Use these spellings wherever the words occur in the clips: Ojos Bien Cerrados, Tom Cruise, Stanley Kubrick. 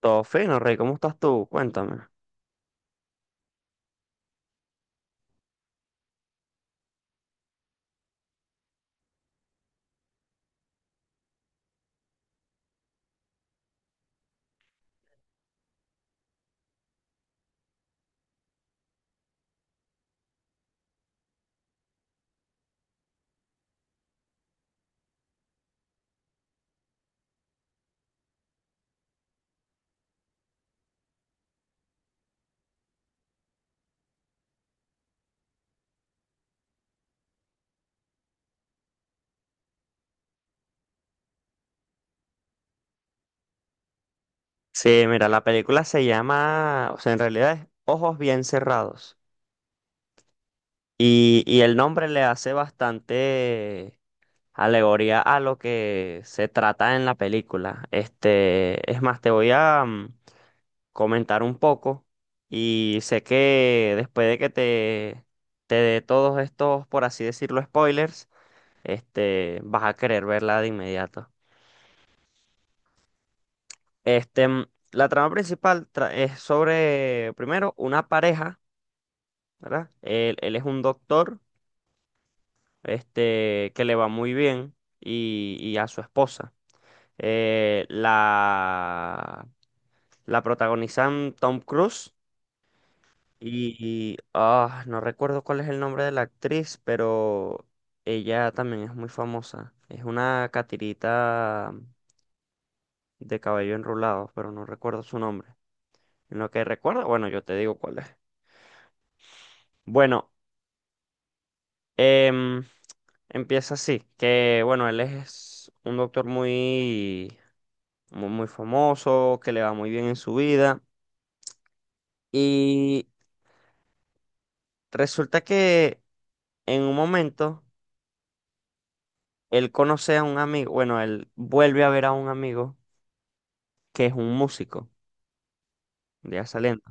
Todo fino, Rey, ¿cómo estás tú? Cuéntame. Sí, mira, la película se llama, o sea, en realidad es Ojos Bien Cerrados. Y el nombre le hace bastante alegoría a lo que se trata en la película. Este, es más, te voy a comentar un poco. Y sé que después de te dé todos estos, por así decirlo, spoilers, este, vas a querer verla de inmediato. Este, mm, la trama principal es sobre, primero, una pareja, ¿verdad? Él es un doctor, este, que le va muy bien y a su esposa. Eh, la, la protagonizan Tom Cruise y, ah, no recuerdo cuál es el nombre de la actriz, pero ella también es muy famosa. Es una catirita de cabello enrulado, pero no recuerdo su nombre. En lo que recuerdo, bueno, yo te digo cuál es. Bueno, Em, Empieza así, que bueno, él es un doctor muy, muy, muy famoso, que le va muy bien en su vida. Y resulta que en un momento él conoce a un amigo, bueno, él vuelve a ver a un amigo que es un músico, ya saliendo.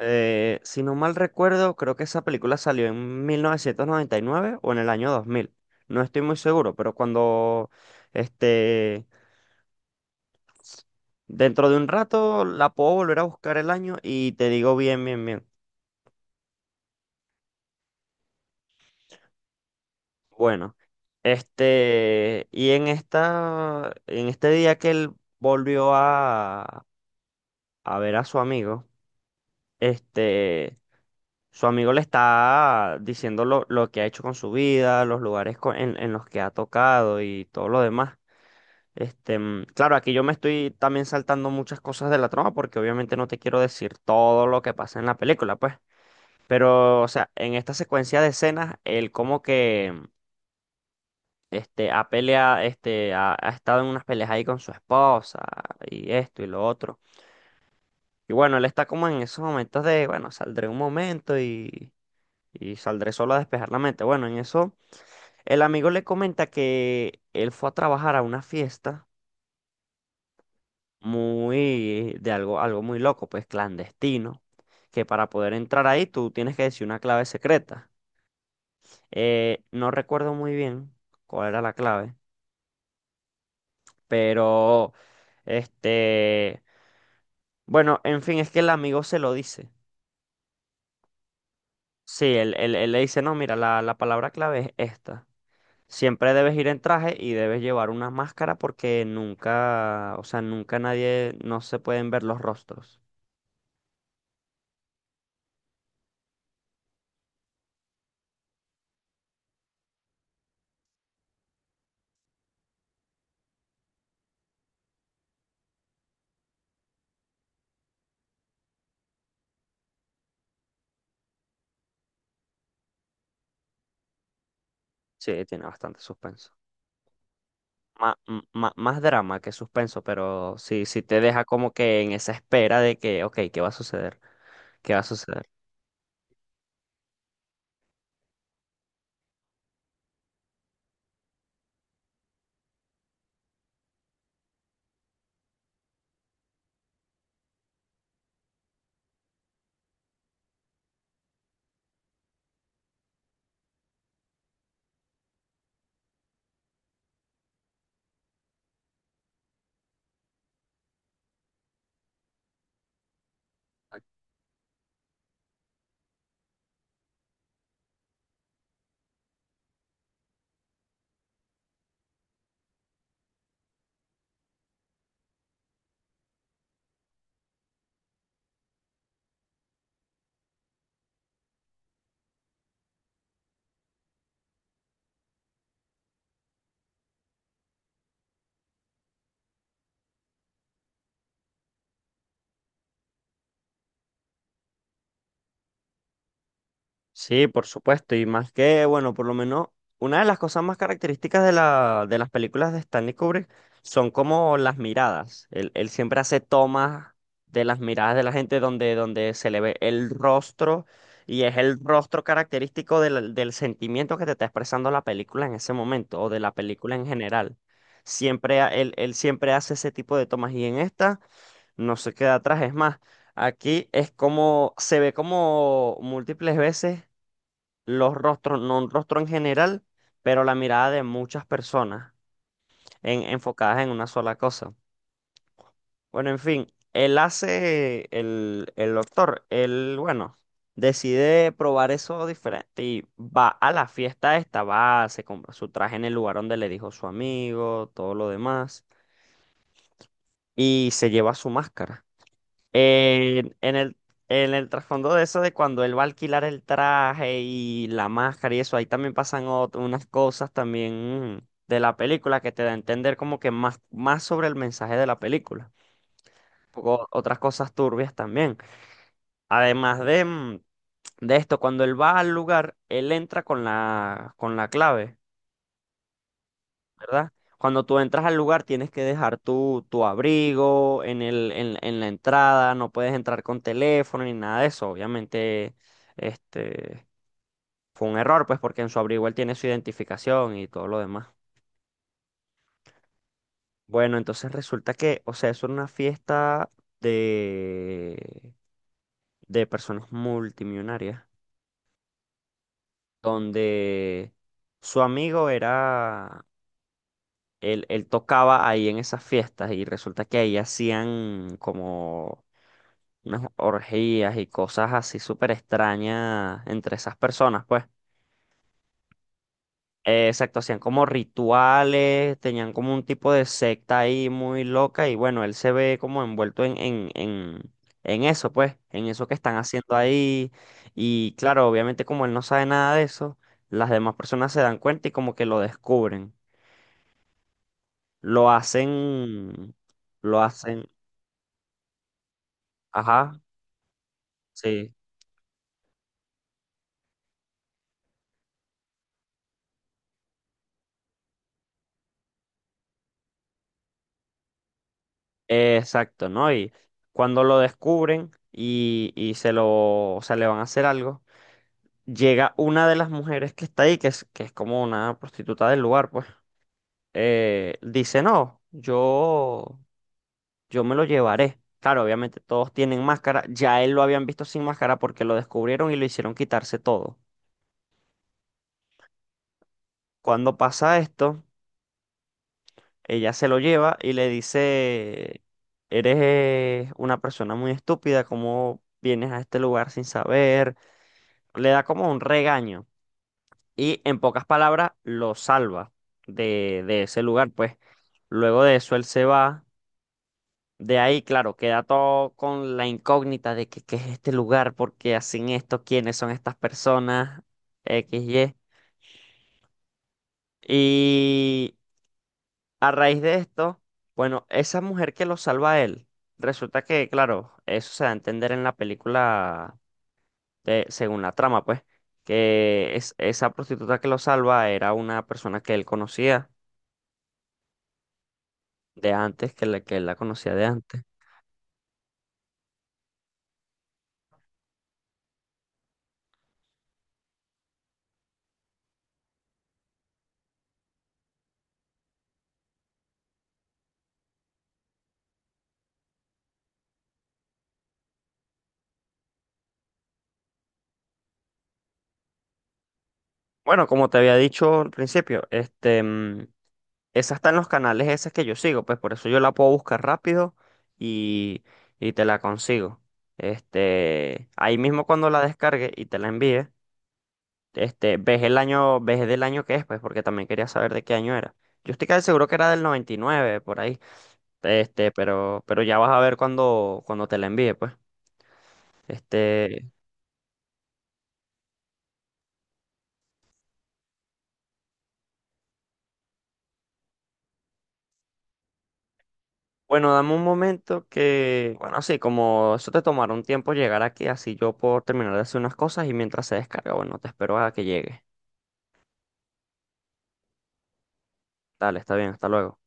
Si no mal recuerdo, creo que esa película salió en 1999 o en el año 2000. No estoy muy seguro, pero cuando este dentro de un rato la puedo volver a buscar el año y te digo bien, bien, bien. Bueno, este, y en en este día que él volvió a ver a su amigo, este, su amigo le está diciendo lo que ha hecho con su vida, los lugares en los que ha tocado y todo lo demás. Este, mm, claro, aquí yo me estoy también saltando muchas cosas de la trama porque obviamente no te quiero decir todo lo que pasa en la película, pues. Pero, o sea, en esta secuencia de escenas, él como que este, ha peleado, este, ha estado en unas peleas ahí con su esposa y esto y lo otro. Y bueno, él está como en esos momentos de, bueno, saldré un momento y saldré solo a despejar la mente. Bueno, en eso, el amigo le comenta que él fue a trabajar a una fiesta muy, de algo, algo muy loco, pues clandestino, que para poder entrar ahí tú tienes que decir una clave secreta. No recuerdo muy bien cuál era la clave, pero este, bueno, en fin, es que el amigo se lo dice. Sí, él le dice, no, mira, la palabra clave es esta. Siempre debes ir en traje y debes llevar una máscara porque nunca, o sea, nunca nadie, no se pueden ver los rostros. Sí, tiene bastante suspenso. Más drama que suspenso, pero sí, sí te deja como que en esa espera de que, ok, ¿qué va a suceder? ¿Qué va a suceder? Sí, por supuesto, y más que, bueno, por lo menos una de las cosas más características de de las películas de Stanley Kubrick son como las miradas. Él siempre hace tomas de las miradas de la gente donde se le ve el rostro y es el rostro característico del sentimiento que te está expresando la película en ese momento o de la película en general. Siempre, él siempre hace ese tipo de tomas y en esta no se queda atrás, es más. Aquí es como, se ve como múltiples veces los rostros, no un rostro en general, pero la mirada de muchas personas enfocadas en una sola cosa. Bueno, en fin, él hace, el doctor, él, bueno, decide probar eso diferente y va a la fiesta esta, va, se compra su traje en el lugar donde le dijo su amigo, todo lo demás, y se lleva su máscara. En, en el, en el trasfondo de eso, de cuando él va a alquilar el traje y la máscara y eso, ahí también pasan unas cosas también de la película que te da a entender como que más, más sobre el mensaje de la película. Un poco otras cosas turbias también. Además de, de esto, cuando él va al lugar, él entra con la clave. ¿Verdad? Cuando tú entras al lugar tienes que dejar tu abrigo en el, en la entrada, no puedes entrar con teléfono ni nada de eso. Obviamente, este fue un error, pues, porque en su abrigo él tiene su identificación y todo lo demás. Bueno, entonces resulta que, o sea, es una fiesta de, de personas multimillonarias, donde su amigo era, él tocaba ahí en esas fiestas y resulta que ahí hacían como unas orgías y cosas así súper extrañas entre esas personas, pues. Exacto, hacían como rituales, tenían como un tipo de secta ahí muy loca y bueno, él se ve como envuelto en eso, pues, en eso que están haciendo ahí. Y claro, obviamente como él no sabe nada de eso, las demás personas se dan cuenta y como que lo descubren. Lo hacen, lo hacen, ajá, sí. Exacto, ¿no? Y cuando lo descubren y se lo, o sea, le van a hacer algo, llega una de las mujeres que está ahí, que es como una prostituta del lugar, pues, dice, no, yo me lo llevaré. Claro, obviamente todos tienen máscara, ya él lo habían visto sin máscara porque lo descubrieron y lo hicieron quitarse todo. Cuando pasa esto, ella se lo lleva y le dice, eres una persona muy estúpida, ¿cómo vienes a este lugar sin saber? Le da como un regaño y en pocas palabras lo salva de ese lugar, pues luego de eso él se va, de ahí claro, queda todo con la incógnita de que, qué es este lugar, por qué hacen esto, quiénes son estas personas, X, Y. Y a raíz de esto, bueno, esa mujer que lo salva a él, resulta que claro, eso se da a entender en la película según la trama, pues, que es, esa prostituta que lo salva era una persona que él conocía de antes, que él la conocía de antes. Bueno, como te había dicho al principio, este, mm, esa está en los canales esas que yo sigo, pues por eso yo la puedo buscar rápido y, y te la consigo. Este, ahí mismo cuando la descargue y te la envíe, este, ves el año, ves del año que es, pues, porque también quería saber de qué año era. Yo estoy casi seguro que era del 99 por ahí. Este, pero ya vas a ver cuando, cuando te la envíe, pues. Este, bueno, dame un momento que, bueno, sí, como eso te tomará un tiempo llegar aquí, así yo puedo terminar de hacer unas cosas y mientras se descarga, bueno, te espero a que llegue. Dale, está bien, hasta luego.